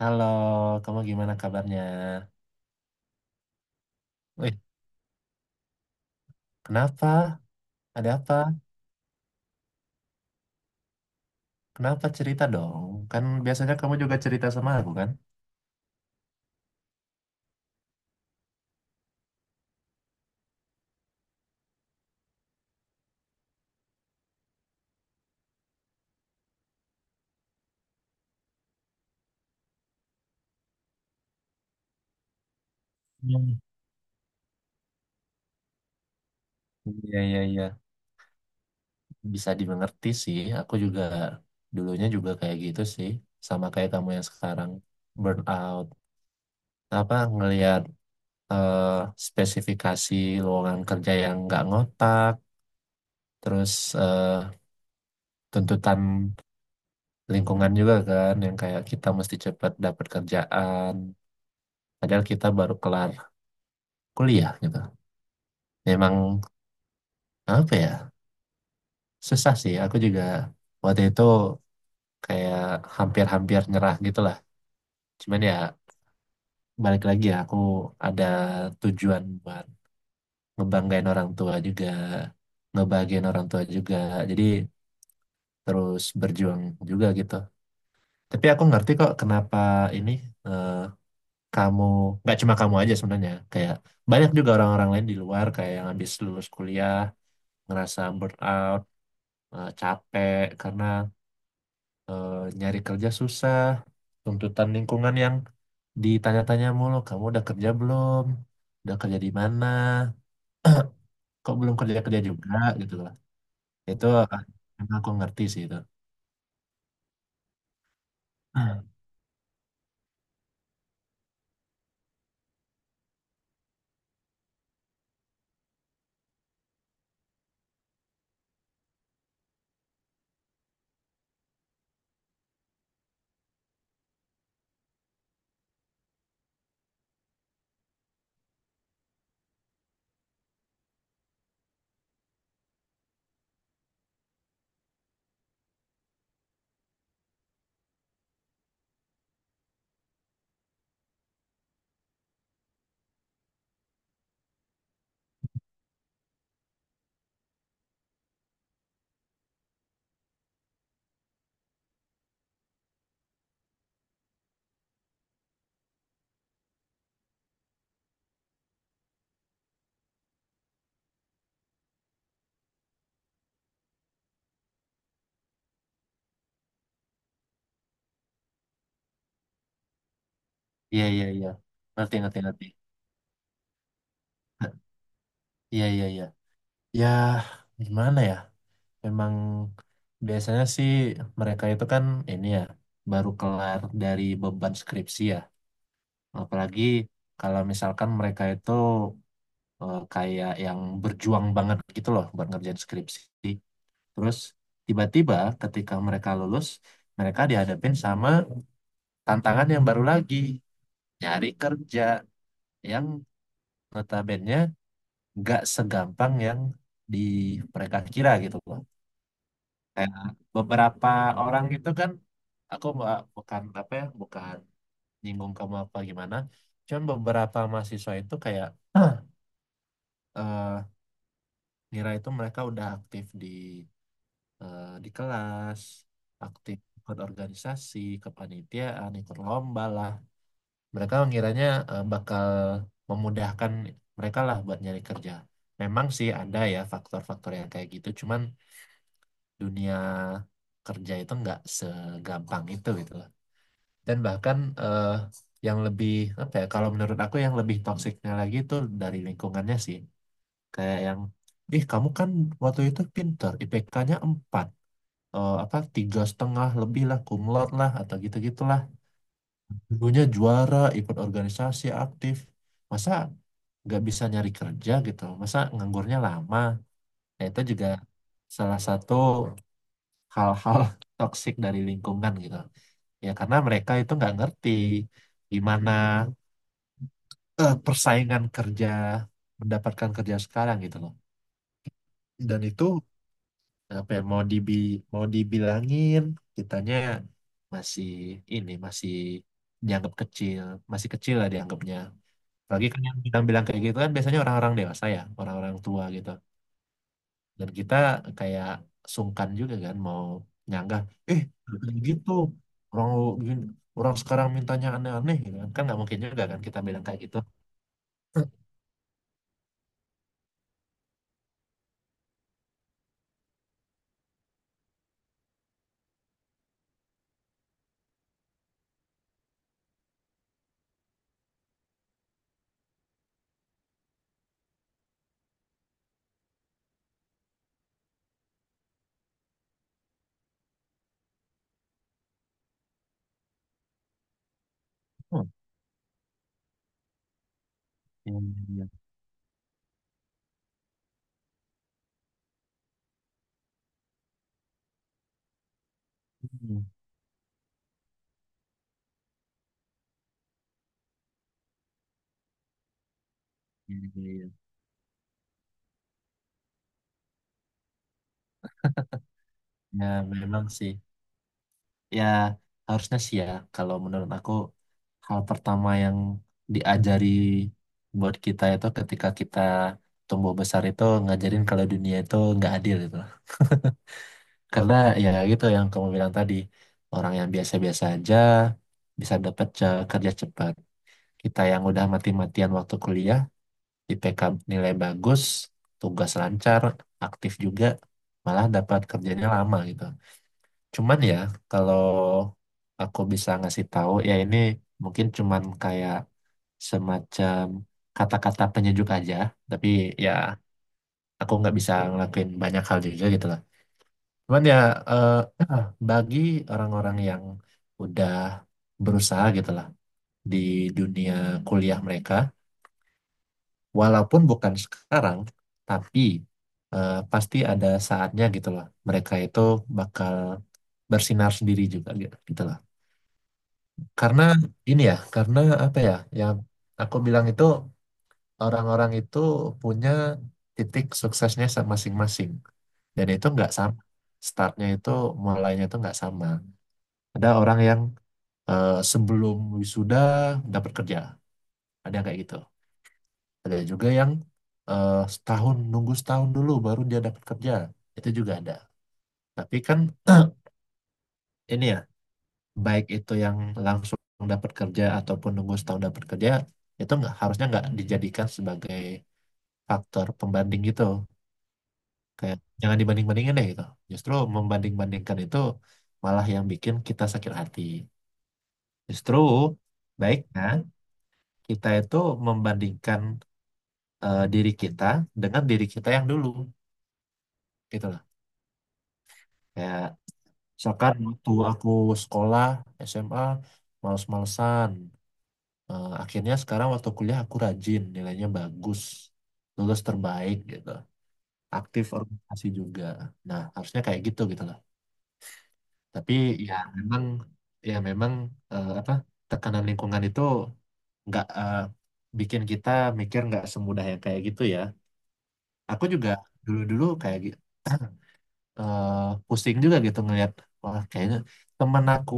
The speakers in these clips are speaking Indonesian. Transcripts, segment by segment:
Halo, kamu gimana kabarnya? Wih, kenapa? Ada apa? Kenapa cerita dong? Kan biasanya kamu juga cerita sama aku kan? Hmm. Iya, iya, iya, bisa dimengerti sih. Aku juga dulunya juga kayak gitu sih. Sama kayak kamu yang sekarang. Burnout. Apa, ngelihat eh, spesifikasi lowongan kerja yang nggak ngotak. Terus eh, tuntutan lingkungan juga kan. Yang kayak kita mesti cepat dapat kerjaan. Padahal kita baru kelar kuliah gitu. Emang apa ya, susah sih. Aku juga waktu itu kayak hampir-hampir nyerah gitu lah. Cuman ya balik lagi ya, aku ada tujuan buat ngebanggain orang tua juga, ngebahagiain orang tua juga. Jadi terus berjuang juga gitu. Tapi aku ngerti kok kenapa ini eh, kamu, nggak cuma kamu aja sebenarnya, kayak banyak juga orang-orang lain di luar kayak yang habis lulus kuliah, ngerasa burnout, capek karena eh, nyari kerja susah, tuntutan lingkungan yang ditanya-tanya mulu, kamu udah kerja belum? Udah kerja di mana? Kok belum kerja-kerja juga gitu loh. Itu ah, emang aku ngerti sih itu. Ah, iya, iya, iya. Ngerti, ngerti, ngerti. Ah, iya, iya, iya. Ya, gimana ya? Memang biasanya sih mereka itu kan ini ya, baru kelar dari beban skripsi ya. Apalagi kalau misalkan mereka itu kayak yang berjuang banget gitu loh buat ngerjain skripsi. Terus tiba-tiba ketika mereka lulus, mereka dihadapin sama tantangan yang baru lagi, nyari kerja yang notabene nggak segampang yang di mereka kira gitu loh. Kayak beberapa orang gitu kan, aku bukan apa ya, bukan nyinggung kamu apa gimana, cuman beberapa mahasiswa itu kayak eh ngira itu mereka udah aktif di di kelas, aktif ikut organisasi, kepanitiaan, ikut lomba lah. Mereka mengiranya bakal memudahkan mereka lah buat nyari kerja. Memang sih ada ya faktor-faktor yang kayak gitu, cuman dunia kerja itu nggak segampang itu gitu loh. Dan bahkan yang lebih apa ya? Kalau menurut aku yang lebih toksiknya lagi itu dari lingkungannya sih, kayak yang, ih, kamu kan waktu itu pinter, IPK-nya 4 apa tiga setengah lebih lah lah atau gitu gitulah, dulunya juara ikut organisasi aktif, masa nggak bisa nyari kerja gitu, masa nganggurnya lama. Nah itu juga salah satu hal-hal toksik dari lingkungan gitu ya, karena mereka itu nggak ngerti gimana persaingan kerja mendapatkan kerja sekarang gitu loh. Dan itu apa ya, mau dibilangin, kitanya masih ini masih dianggap kecil, masih kecil lah dianggapnya lagi kan. Yang bilang-bilang kayak gitu kan biasanya orang-orang dewasa ya, orang-orang tua gitu, dan kita kayak sungkan juga kan mau nyanggah, nggak kayak gitu, orang lu gini- orang sekarang mintanya aneh-aneh gitu kan. Kan nggak mungkin juga kan kita bilang kayak gitu. Hmm, iya, iya, iya. Iya, iya, iya. Ya memang sih, ya harusnya sih ya, kalau menurut aku hal pertama yang diajari buat kita itu ketika kita tumbuh besar itu ngajarin kalau dunia itu nggak adil gitu loh. Karena ya gitu yang kamu bilang tadi, orang yang biasa-biasa aja bisa kerja cepat. Kita yang udah mati-matian waktu kuliah, IPK nilai bagus, tugas lancar, aktif juga, malah dapat kerjanya lama gitu. Cuman ya, kalau aku bisa ngasih tahu, ya ini mungkin cuman kayak semacam kata-kata penyejuk aja. Tapi ya, aku nggak bisa ngelakuin banyak hal juga gitu lah. Cuman ya, eh, bagi orang-orang yang udah berusaha gitu lah di dunia kuliah mereka, walaupun bukan sekarang, tapi pasti ada saatnya gitu loh. Mereka itu bakal bersinar sendiri juga gitu gitu lah. Karena ini ya, karena apa ya, yang aku bilang itu, orang-orang itu punya masing-masing. Dan itu nggak sama. Startnya itu, mulainya itu nggak sama. Ada orang yang sebelum wisuda dapat kerja. Ada yang kayak gitu. Ada juga yang setahun, nunggu setahun dulu baru dia dapat kerja. Itu juga ada. Tapi kan ini ya, baik itu yang langsung dapat kerja ataupun nunggu setahun dapat kerja, itu nggak dijadikan sebagai faktor pembanding gitu. Kayak jangan dibanding-bandingin deh gitu, justru membanding-bandingkan itu malah yang bikin kita sakit hati. Justru baiknya kita itu membandingkan diri kita dengan diri kita yang dulu gitu lah. Kayak misalkan waktu aku sekolah SMA males-malesan, eh, akhirnya sekarang waktu kuliah aku rajin, nilainya bagus, lulus terbaik gitu, aktif organisasi juga. Nah, harusnya kayak gitu gitu loh. Tapi ya memang ya memang apa, tekanan lingkungan itu nggak eh, bikin kita mikir nggak semudah yang kayak gitu ya. Aku juga dulu-dulu eh, pusing juga gitu ngelihat, wah kayaknya temen aku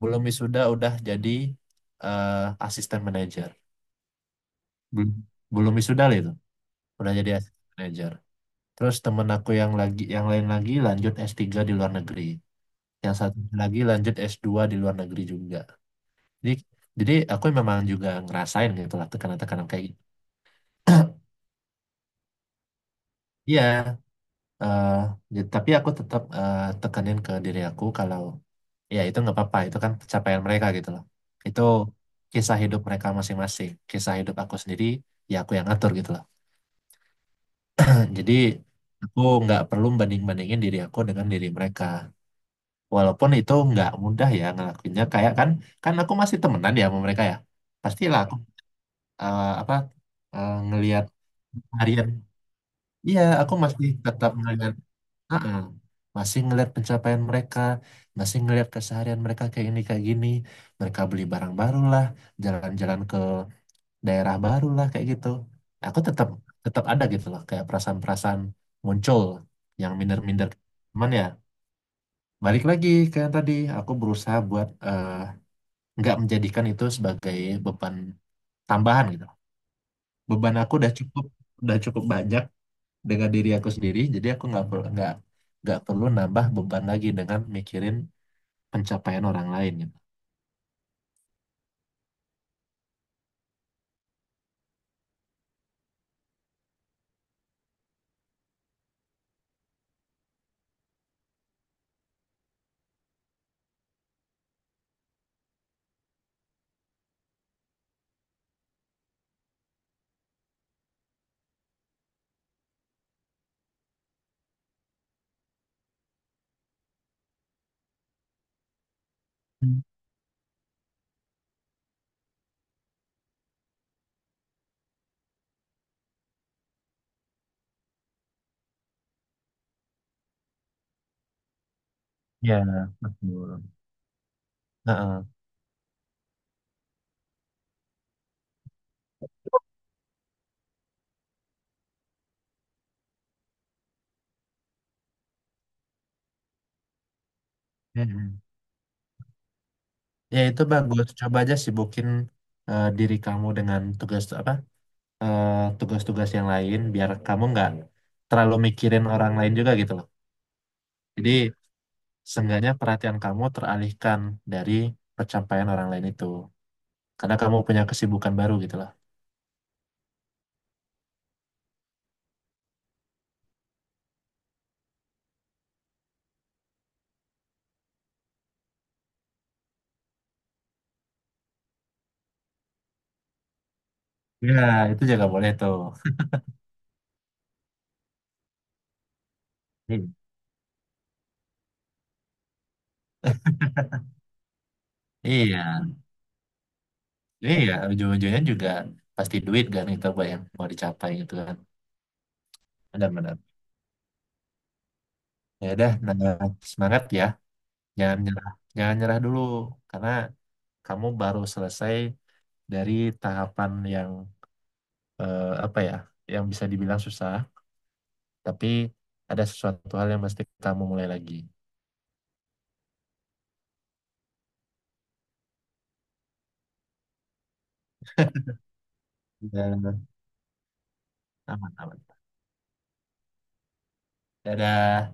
belum wisuda udah jadi eh, asisten manajer. Belum belum wisuda loh itu, udah jadi assistant manager. Terus temen aku yang lagi yang lain lagi lanjut S3 di luar negeri. Yang satu lagi lanjut S2 di luar negeri juga. Jadi aku memang juga ngerasain gitu lah tekanan-tekanan kayak gitu. Iya, eh, ya, tapi aku tetap tekanin ke diri aku kalau ya itu nggak apa-apa, itu kan pencapaian mereka gitu loh. Itu kisah hidup mereka masing-masing, kisah hidup aku sendiri ya aku yang ngatur gitu loh. Jadi aku nggak perlu banding-bandingin diri aku dengan diri mereka, walaupun itu nggak mudah ya ngelakuinnya. Kayak kan kan aku masih temenan ya sama mereka ya, pastilah aku eh, apa ngelihat harian. Iya aku masih tetap ngelihat, ah, ah, masih ngelihat pencapaian mereka, masih ngelihat keseharian mereka kayak ini kayak gini, mereka beli barang baru lah, jalan-jalan ke daerah baru lah kayak gitu. Aku tetap tetap ada gitu loh kayak perasaan-perasaan muncul yang minder-minder. Cuman ya balik lagi ke yang tadi, aku berusaha buat nggak menjadikan itu sebagai beban tambahan gitu. Beban aku udah cukup, udah cukup banyak dengan diri aku sendiri, jadi aku nggak perlu nggak perlu nambah beban lagi dengan mikirin pencapaian orang lain gitu. Hmm. Ya, betul. Heeh. Mm-mm. Ya itu bagus. Coba aja sibukin diri kamu dengan tugas apa eh, tugas-tugas yang lain biar kamu nggak terlalu mikirin orang lain juga gitu loh. Jadi seenggaknya perhatian kamu teralihkan dari pencapaian orang lain itu. Karena kamu punya kesibukan baru gitu lah. Ya, itu juga boleh tuh. Hmm. Iya, iya. Ujung-ujungnya juga pasti duit kan kita buat yang mau dicapai gitu kan. Benar-benar. Ya udah, nah, semangat ya. Jangan nyerah, jangan nyerah dulu. Karena kamu baru selesai dari tahapan yang apa ya, yang bisa dibilang susah. Tapi ada sesuatu hal yang mesti kamu mulai lagi. Dan aman, aman. Dadah.